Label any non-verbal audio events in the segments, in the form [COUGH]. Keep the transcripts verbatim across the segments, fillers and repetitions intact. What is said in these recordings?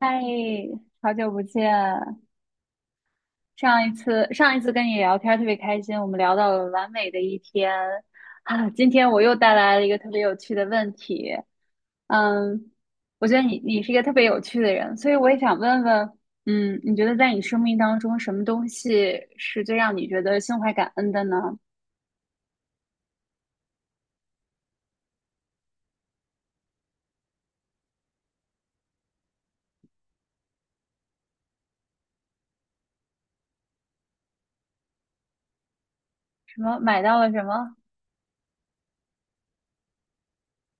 嗨，好久不见！上一次上一次跟你聊天儿特别开心，我们聊到了完美的一天啊。今天我又带来了一个特别有趣的问题，嗯，我觉得你你是一个特别有趣的人，所以我也想问问，嗯，你觉得在你生命当中，什么东西是最让你觉得心怀感恩的呢？什么买到了什么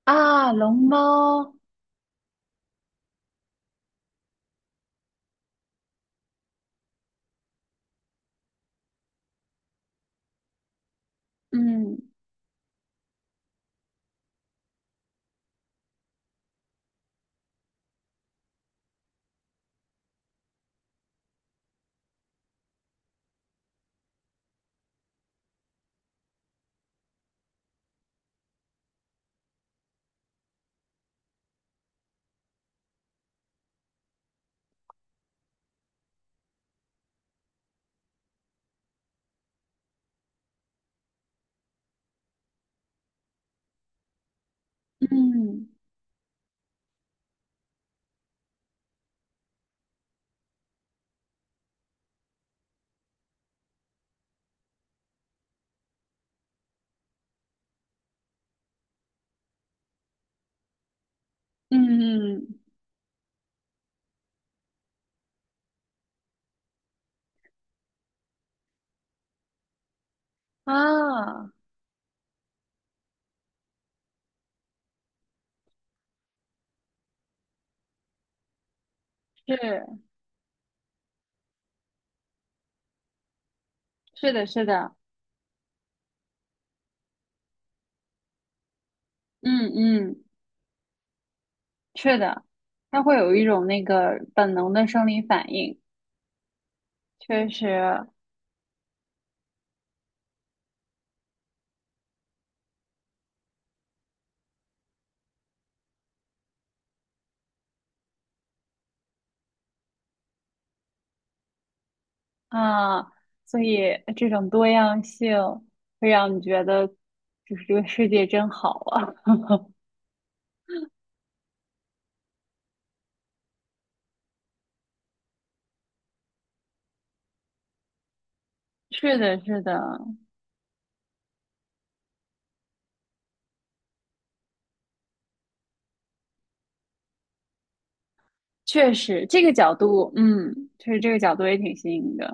啊？龙猫，嗯嗯嗯嗯啊，是是的，是的。嗯嗯，是的，它会有一种那个本能的生理反应，确实啊，所以这种多样性会让你觉得，就是这个世界真好啊。[LAUGHS] 是的，是的，确实这个角度，嗯，确实这个角度也挺新颖的，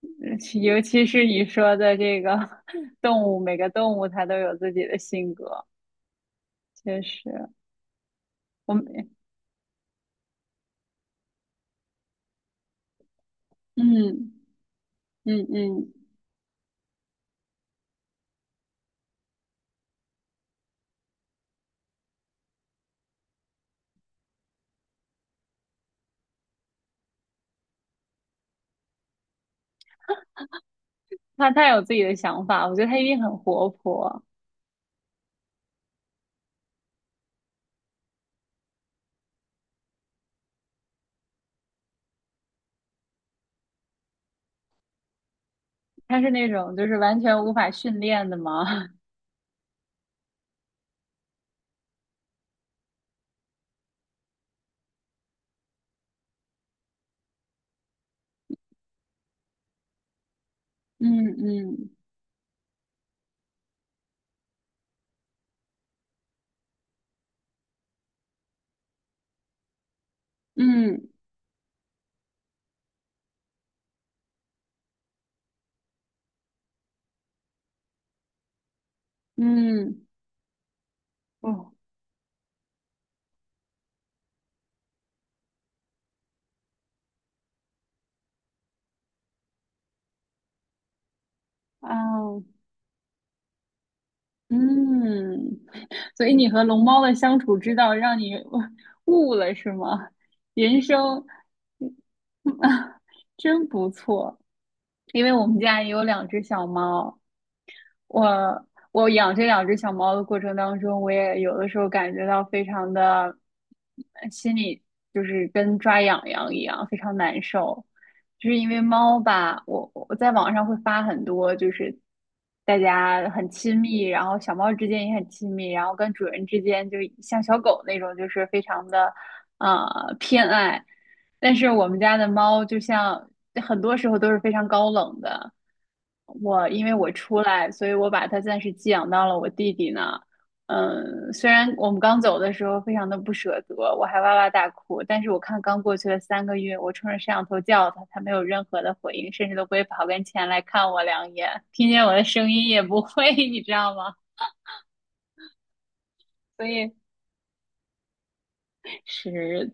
[LAUGHS] 呃其尤其是你说的这个 [LAUGHS] 动物，每个动物它都有自己的性格，确实，我们，嗯嗯嗯。他太有自己的想法，我觉得他一定很活泼。他是那种就是完全无法训练的嘛。[LAUGHS] 嗯嗯嗯嗯，哦啊嗯，所以你和龙猫的相处之道让你悟了是吗？人生 [LAUGHS] 真不错，因为我们家也有两只小猫，我我养这两只小猫的过程当中，我也有的时候感觉到非常的心里就是跟抓痒痒一样，非常难受。就是因为猫吧，我我在网上会发很多，就是大家很亲密，然后小猫之间也很亲密，然后跟主人之间就像小狗那种，就是非常的呃偏爱。但是我们家的猫就像很多时候都是非常高冷的。我因为我出来，所以我把它暂时寄养到了我弟弟那。嗯，虽然我们刚走的时候非常的不舍得，我还哇哇大哭，但是我看刚过去了三个月，我冲着摄像头叫他，他没有任何的回应，甚至都不会跑跟前来看我两眼，听见我的声音也不会，[LAUGHS] 你知道吗？所以是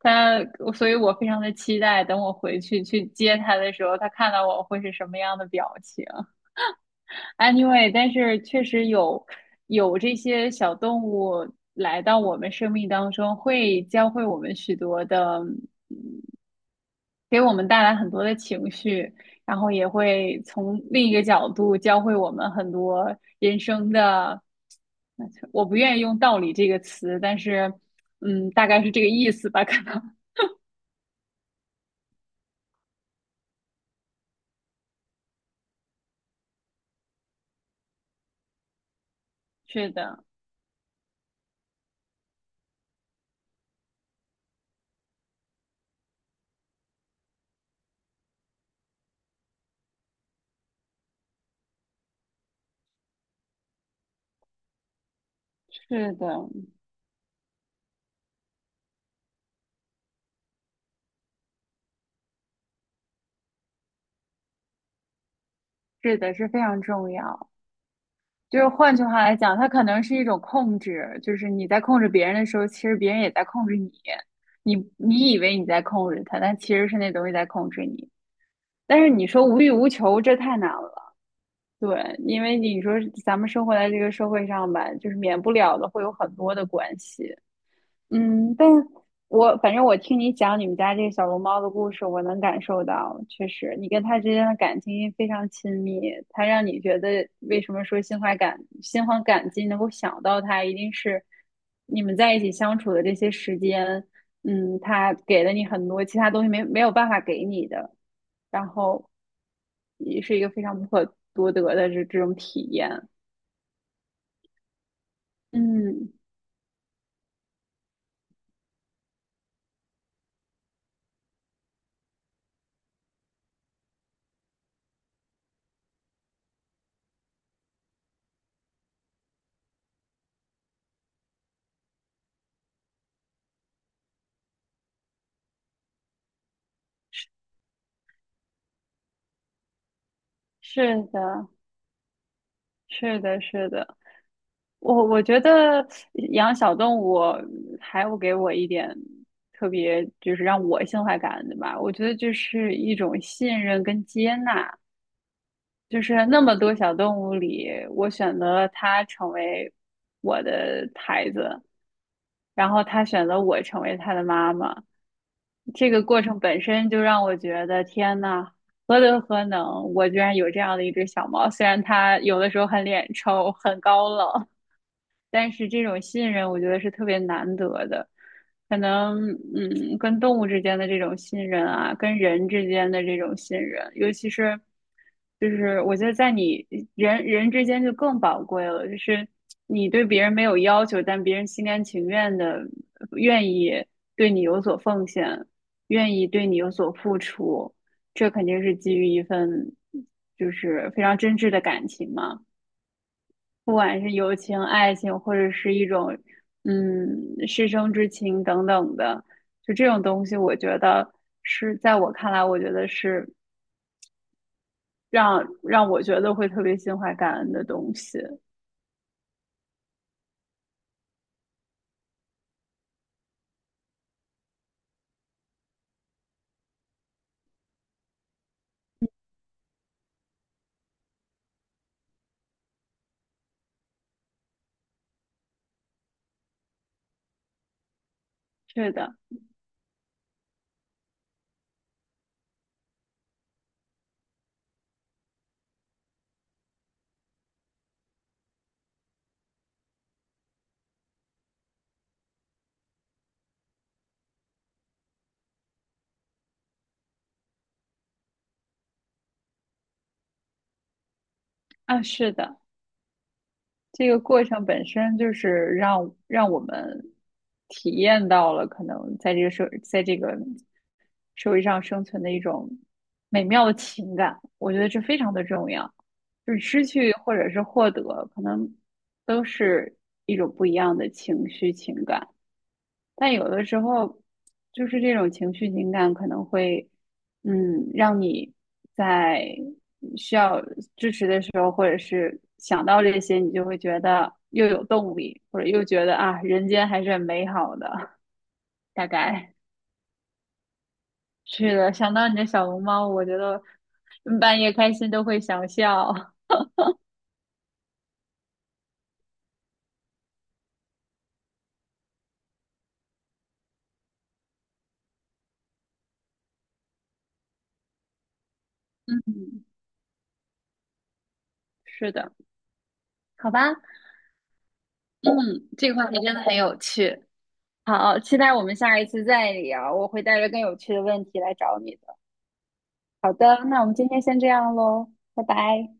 他，所以我非常的期待，等我回去去接他的时候，他看到我会是什么样的表情。Anyway，但是确实有有这些小动物来到我们生命当中，会教会我们许多的，给我们带来很多的情绪，然后也会从另一个角度教会我们很多人生的。我不愿意用“道理”这个词，但是，嗯，大概是这个意思吧，可能 [LAUGHS] 是的，是的，是的，是非常重要。就是换句话来讲，它可能是一种控制，就是你在控制别人的时候，其实别人也在控制你。你你以为你在控制他，但其实是那东西在控制你。但是你说无欲无求，这太难了。对，因为你说咱们生活在这个社会上吧，就是免不了的会有很多的关系，嗯，但我反正我听你讲你们家这个小龙猫的故事，我能感受到，确实你跟它之间的感情非常亲密，它让你觉得为什么说心怀感心怀感激，能够想到它，一定是你们在一起相处的这些时间，嗯，它给了你很多其他东西没没有办法给你的，然后也是一个非常不可多得的这这种体验。嗯，是的，是的，是的。我我觉得养小动物还有给我一点特别，就是让我心怀感恩的吧。我觉得就是一种信任跟接纳，就是那么多小动物里，我选择了它成为我的孩子，然后它选择我成为它的妈妈。这个过程本身就让我觉得，天呐，何德何能，我居然有这样的一只小猫。虽然它有的时候很脸臭，很高冷。但是这种信任，我觉得是特别难得的。可能，嗯，跟动物之间的这种信任啊，跟人之间的这种信任，尤其是，就是我觉得在你人人之间就更宝贵了。就是你对别人没有要求，但别人心甘情愿的愿意对你有所奉献，愿意对你有所付出，这肯定是基于一份就是非常真挚的感情嘛。不管是友情、爱情，或者是一种嗯师生之情等等的，就这种东西，我觉得是在我看来，我觉得是让让我觉得会特别心怀感恩的东西。是的，啊，是的，这个过程本身就是让让我们体验到了可能在这个社，在这个社会上生存的一种美妙的情感，我觉得这非常的重要。就是失去或者是获得，可能都是一种不一样的情绪情感，但有的时候就是这种情绪情感可能会，嗯，让你在需要支持的时候，或者是想到这些，你就会觉得又有动力，或者又觉得啊，人间还是很美好的，大概。是的，想到你的小龙猫，我觉得嗯半夜开心都会想笑。[LAUGHS] 是的，好吧，这个话题真的很有趣。好，期待我们下一次再聊，我会带着更有趣的问题来找你的。好的，那我们今天先这样喽，拜拜。